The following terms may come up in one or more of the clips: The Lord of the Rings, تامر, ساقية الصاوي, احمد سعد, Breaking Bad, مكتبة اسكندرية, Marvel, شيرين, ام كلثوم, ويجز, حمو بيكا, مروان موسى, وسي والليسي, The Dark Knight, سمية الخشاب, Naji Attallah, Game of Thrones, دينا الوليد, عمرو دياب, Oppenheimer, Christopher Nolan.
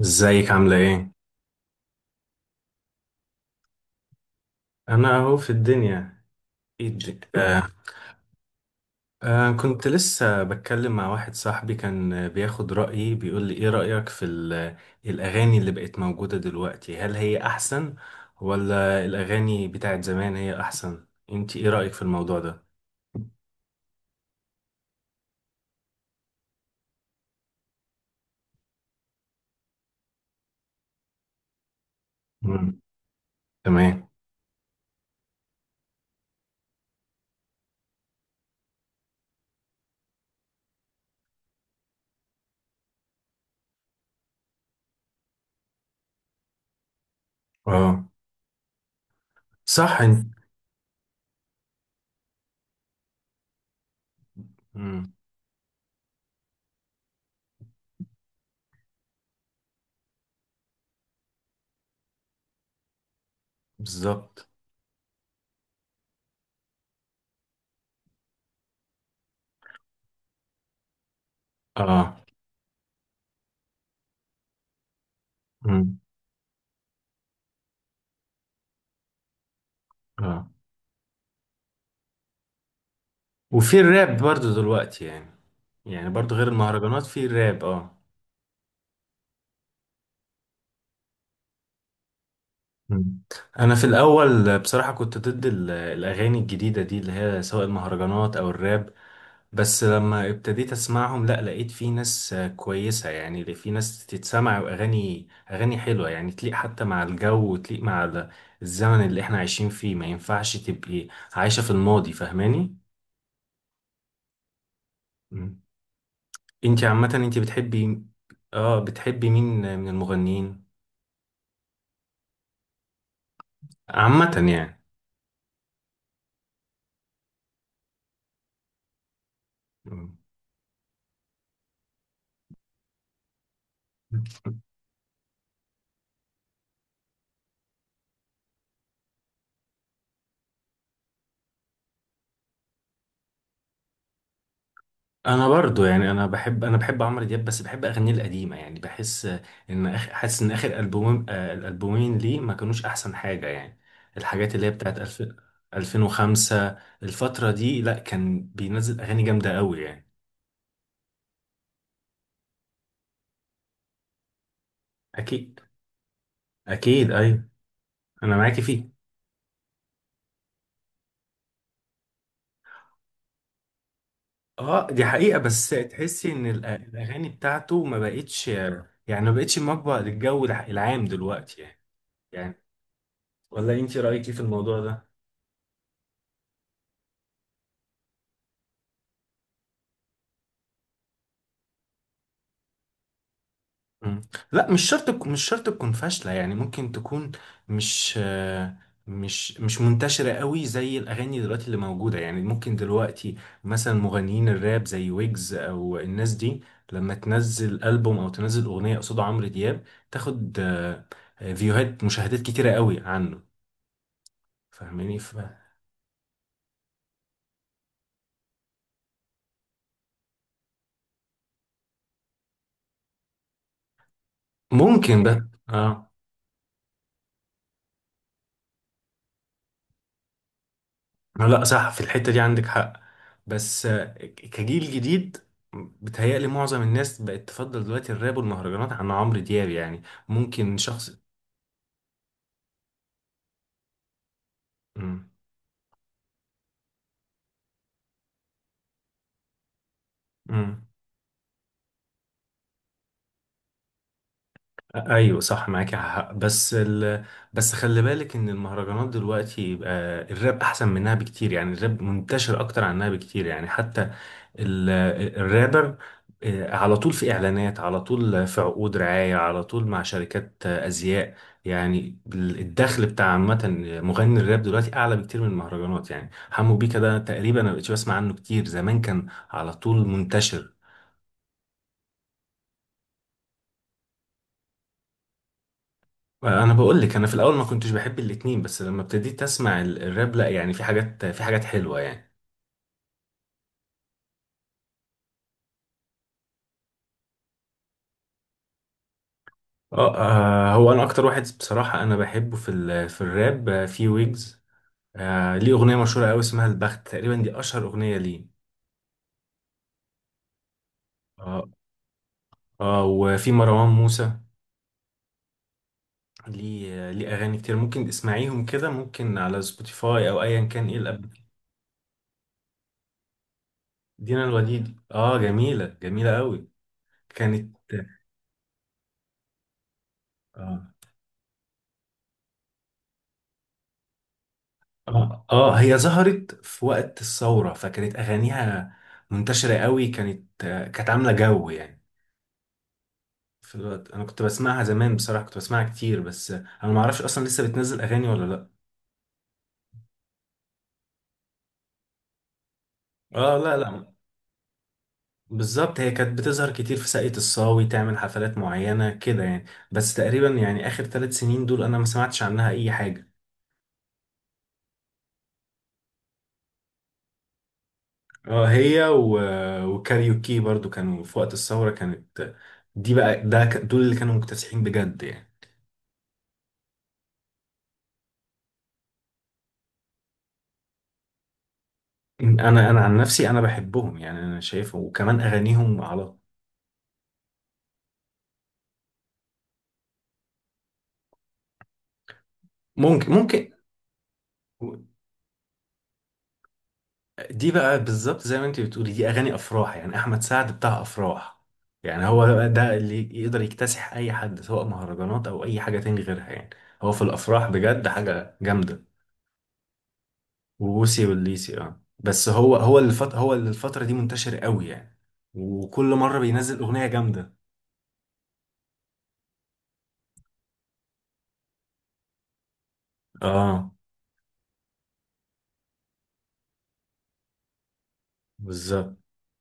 ازيك عاملة ايه؟ انا اهو في الدنيا. ايه آه، كنت لسه بتكلم مع واحد صاحبي كان بياخد رأيي، بيقول لي ايه رأيك في الاغاني اللي بقت موجودة دلوقتي؟ هل هي احسن ولا الاغاني بتاعت زمان هي احسن؟ انت ايه رأيك في الموضوع ده؟ مم. تمام. اه، صح. انت. مم. بالظبط. اه. مم. اه، وفي الراب برضو دلوقتي يعني برضو غير المهرجانات في الراب. اه. مم. انا في الاول بصراحه كنت ضد الاغاني الجديده دي اللي هي سواء المهرجانات او الراب. بس لما ابتديت اسمعهم لا، لقيت في ناس كويسه، يعني اللي في ناس تتسمع، واغاني اغاني حلوه يعني تليق حتى مع الجو وتليق مع الزمن اللي احنا عايشين فيه. ما ينفعش تبقي عايشه في الماضي، فاهماني؟ مم. انتي عامه، انتي بتحبي مين من المغنيين؟ عامه يعني. مم. انا برضو يعني انا بحب عمرو دياب، بس بحب اغانيه القديمه يعني. بحس ان حاسس ان اخر البومين آه، الالبومين ليه ما كانوش احسن حاجه يعني. الحاجات اللي هي بتاعت 2000، 2005، الفتره دي، لا كان بينزل اغاني جامده قوي يعني. اكيد. اكيد، ايوه. انا معاكي فيه. اه، دي حقيقه، بس تحسي ان الاغاني بتاعته ما بقتش، يعني ما بقتش مقبل للجو العام دلوقتي يعني. يعني ولا انت رايك ايه في الموضوع ده؟ مم. لا، مش شرط مش شرط تكون فاشلة يعني. ممكن تكون مش آه، مش مش منتشرة قوي زي الأغاني دلوقتي اللي موجودة. يعني ممكن دلوقتي مثلا مغنيين الراب زي ويجز أو الناس دي لما تنزل ألبوم أو تنزل أغنية قصاد عمرو دياب، تاخد فيوهات، مشاهدات كتيرة قوي عنه، فاهماني؟ ممكن ده، اه. لا صح، في الحتة دي عندك حق. بس كجيل جديد بتهيألي معظم الناس بقت تفضل دلوقتي الراب والمهرجانات عن عمرو دياب يعني. ممكن شخص. مم. مم. ايوه، صح، معاك حق. بس خلي بالك ان المهرجانات دلوقتي بقى الراب احسن منها بكتير يعني. الراب منتشر اكتر عنها بكتير يعني. حتى ال- الرابر على طول في اعلانات، على طول في عقود رعاية، على طول مع شركات ازياء. يعني الدخل بتاع عامة مغني الراب دلوقتي اعلى بكتير من المهرجانات يعني. حمو بيكا ده تقريبا انا مبقتش بسمع عنه كتير. زمان كان على طول منتشر. انا بقول لك، انا في الاول ما كنتش بحب الاتنين، بس لما ابتديت اسمع الراب لا، يعني في حاجات حلوة يعني. اه. هو انا اكتر واحد بصراحة انا بحبه في في الراب في ويجز. ليه أغنية مشهورة أوي اسمها البخت تقريبا، دي أشهر أغنية ليه. اه. اه، وفي مروان موسى، ليه أغاني كتير ممكن تسمعيهم كده، ممكن على سبوتيفاي أو أيا كان. إيه الأب دينا الوليد، اه، جميلة، جميلة أوي. كانت. اه. اه. اه، هي ظهرت في وقت الثورة فكانت أغانيها منتشرة أوي. كانت. كانت عاملة جو يعني في الوقت. أنا كنت بسمعها زمان بصراحة، كنت بسمعها كتير، بس أنا معرفش أصلا لسه بتنزل أغاني ولا لأ. اه. لا، لا، بالظبط. هي كانت بتظهر كتير في ساقية الصاوي، تعمل حفلات معينة كده يعني. بس تقريبا يعني آخر 3 سنين دول أنا ما سمعتش عنها أي حاجة. اه. وكاريوكي برضو كانوا في وقت الثورة. كانت دي بقى دول اللي كانوا مكتسحين بجد يعني. أنا عن نفسي أنا بحبهم يعني. أنا شايفه، وكمان أغانيهم. على ممكن ممكن دي بقى بالظبط زي ما انت بتقولي، دي اغاني افراح. يعني احمد سعد بتاع افراح يعني. هو ده اللي يقدر يكتسح اي حد، سواء مهرجانات او اي حاجه تاني غيرها يعني. هو في الافراح بجد حاجه جامده. ووسي والليسي، اه. بس هو اللي الفتره دي منتشر قوي يعني. وكل مره بينزل اغنيه جامده. اه، بالظبط،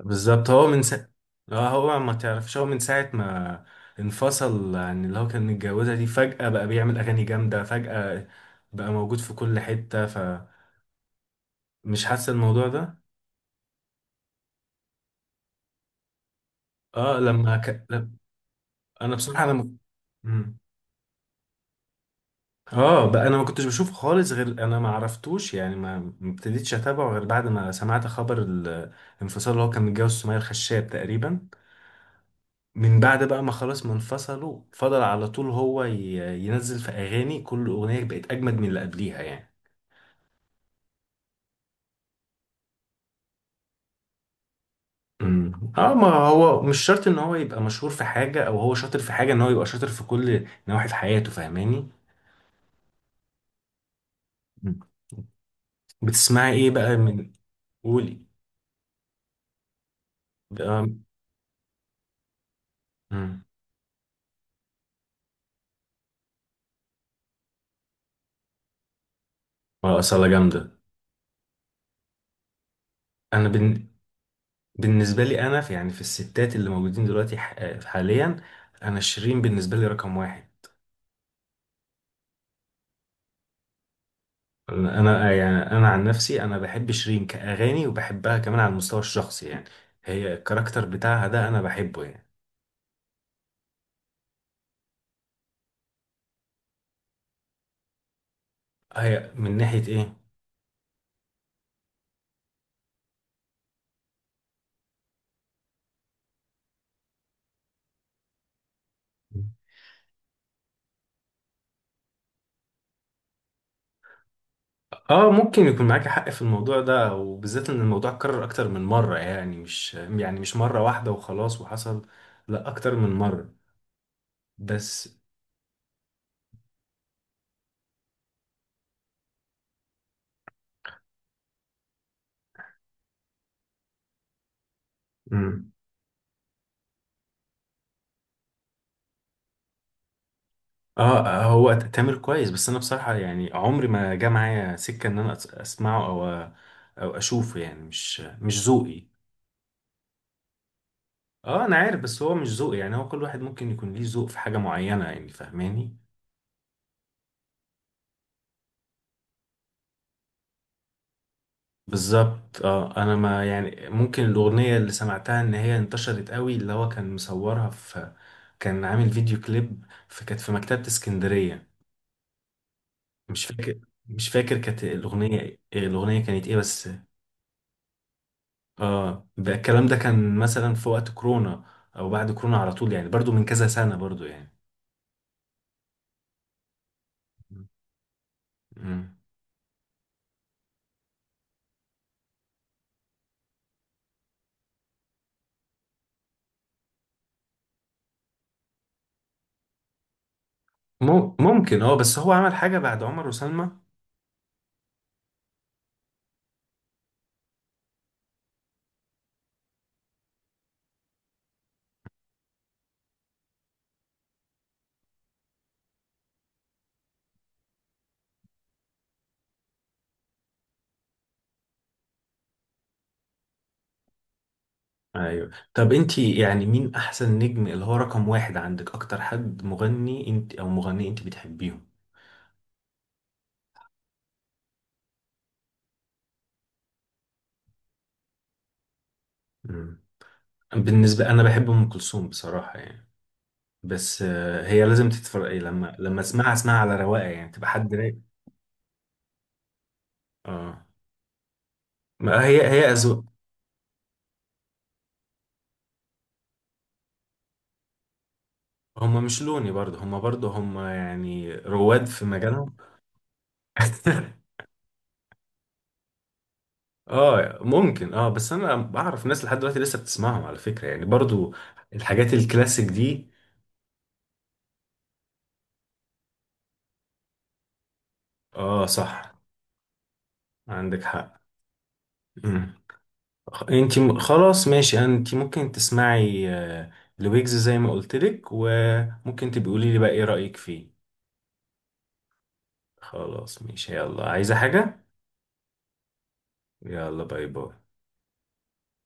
بالظبط. اه، هو ما تعرفش، هو من ساعة ما انفصل عن اللي هو كان متجوزها دي، فجأة بقى بيعمل أغاني جامدة فجأة. بقى موجود في كل حتة، فمش حاسس الموضوع ده. اه. لما ك... لم- انا بصراحة مم. اه، بقى انا ما كنتش بشوف خالص، غير انا ما عرفتوش يعني، ما ابتديتش اتابعه غير بعد ما سمعت خبر الانفصال اللي هو كان متجوز سمية الخشاب تقريبا. من بعد بقى ما خلاص ما انفصلوا، فضل على طول هو ينزل في اغاني، كل اغنيه بقت اجمد من اللي قبليها يعني. اه، ما هو مش شرط ان هو يبقى مشهور في حاجه او هو شاطر في حاجه ان هو يبقى شاطر في كل نواحي في حياته، فاهماني؟ مم. بتسمعي ايه بقى من... قولي. امم اصلا جامده. انا بن... بالنسبه لي، انا في يعني في الستات اللي موجودين دلوقتي حاليا، انا شيرين بالنسبه لي رقم واحد. انا يعني انا عن نفسي انا بحب شيرين كاغاني، وبحبها كمان على المستوى الشخصي يعني. هي الكاركتر بتاعها ده انا بحبه يعني. هي من ناحيه ايه؟ اه، ممكن يكون معاك حق في الموضوع ده، وبالذات ان الموضوع اتكرر اكتر من مره. يعني مش يعني مش مره واحده وخلاص وحصل، لا اكتر من مره. بس. مم. اه، هو تامر كويس، بس انا بصراحه يعني عمري ما جه معايا سكه ان انا اسمعه او او اشوفه يعني. مش ذوقي. اه، انا عارف، بس هو مش ذوقي يعني. هو كل واحد ممكن يكون ليه ذوق في حاجة معينة يعني، فاهماني؟ بالظبط، اه. انا ما يعني ممكن الاغنية اللي سمعتها ان هي انتشرت قوي اللي هو كان مصورها في... كان عامل فيديو كليب في... كانت في مكتبة اسكندرية. مش فاكر مش فاكر كانت الاغنية الاغنية كانت ايه بس. اه، بقى الكلام ده كان مثلا في وقت كورونا او بعد كورونا على طول يعني، برضو من كذا سنة برضو يعني. مم. مم. ممكن. اه، بس هو عمل حاجة بعد عمر وسلمى. ايوه. طب انت يعني مين احسن نجم اللي هو رقم واحد عندك، اكتر حد مغني انت او مغني انت بتحبيهم؟ مم. بالنسبه انا بحب ام كلثوم بصراحه يعني. بس هي لازم تتفرق. لما اسمعها على رواقه يعني، تبقى حد رايق. اه، ما هي اذواق. هم مش لوني، برضه هم يعني رواد في مجالهم. اه، ممكن، اه، بس انا بعرف ناس لحد دلوقتي لسه بتسمعهم على فكره، يعني برضه الحاجات الكلاسيك دي. اه، صح، عندك حق. مم. خلاص ماشي، انت ممكن تسمعي لويجز زي ما قلت لك، وممكن تبقي قولي لي بقى ايه رأيك فيه. خلاص ماشي، يلا. عايزة حاجة؟ يلا، باي باي.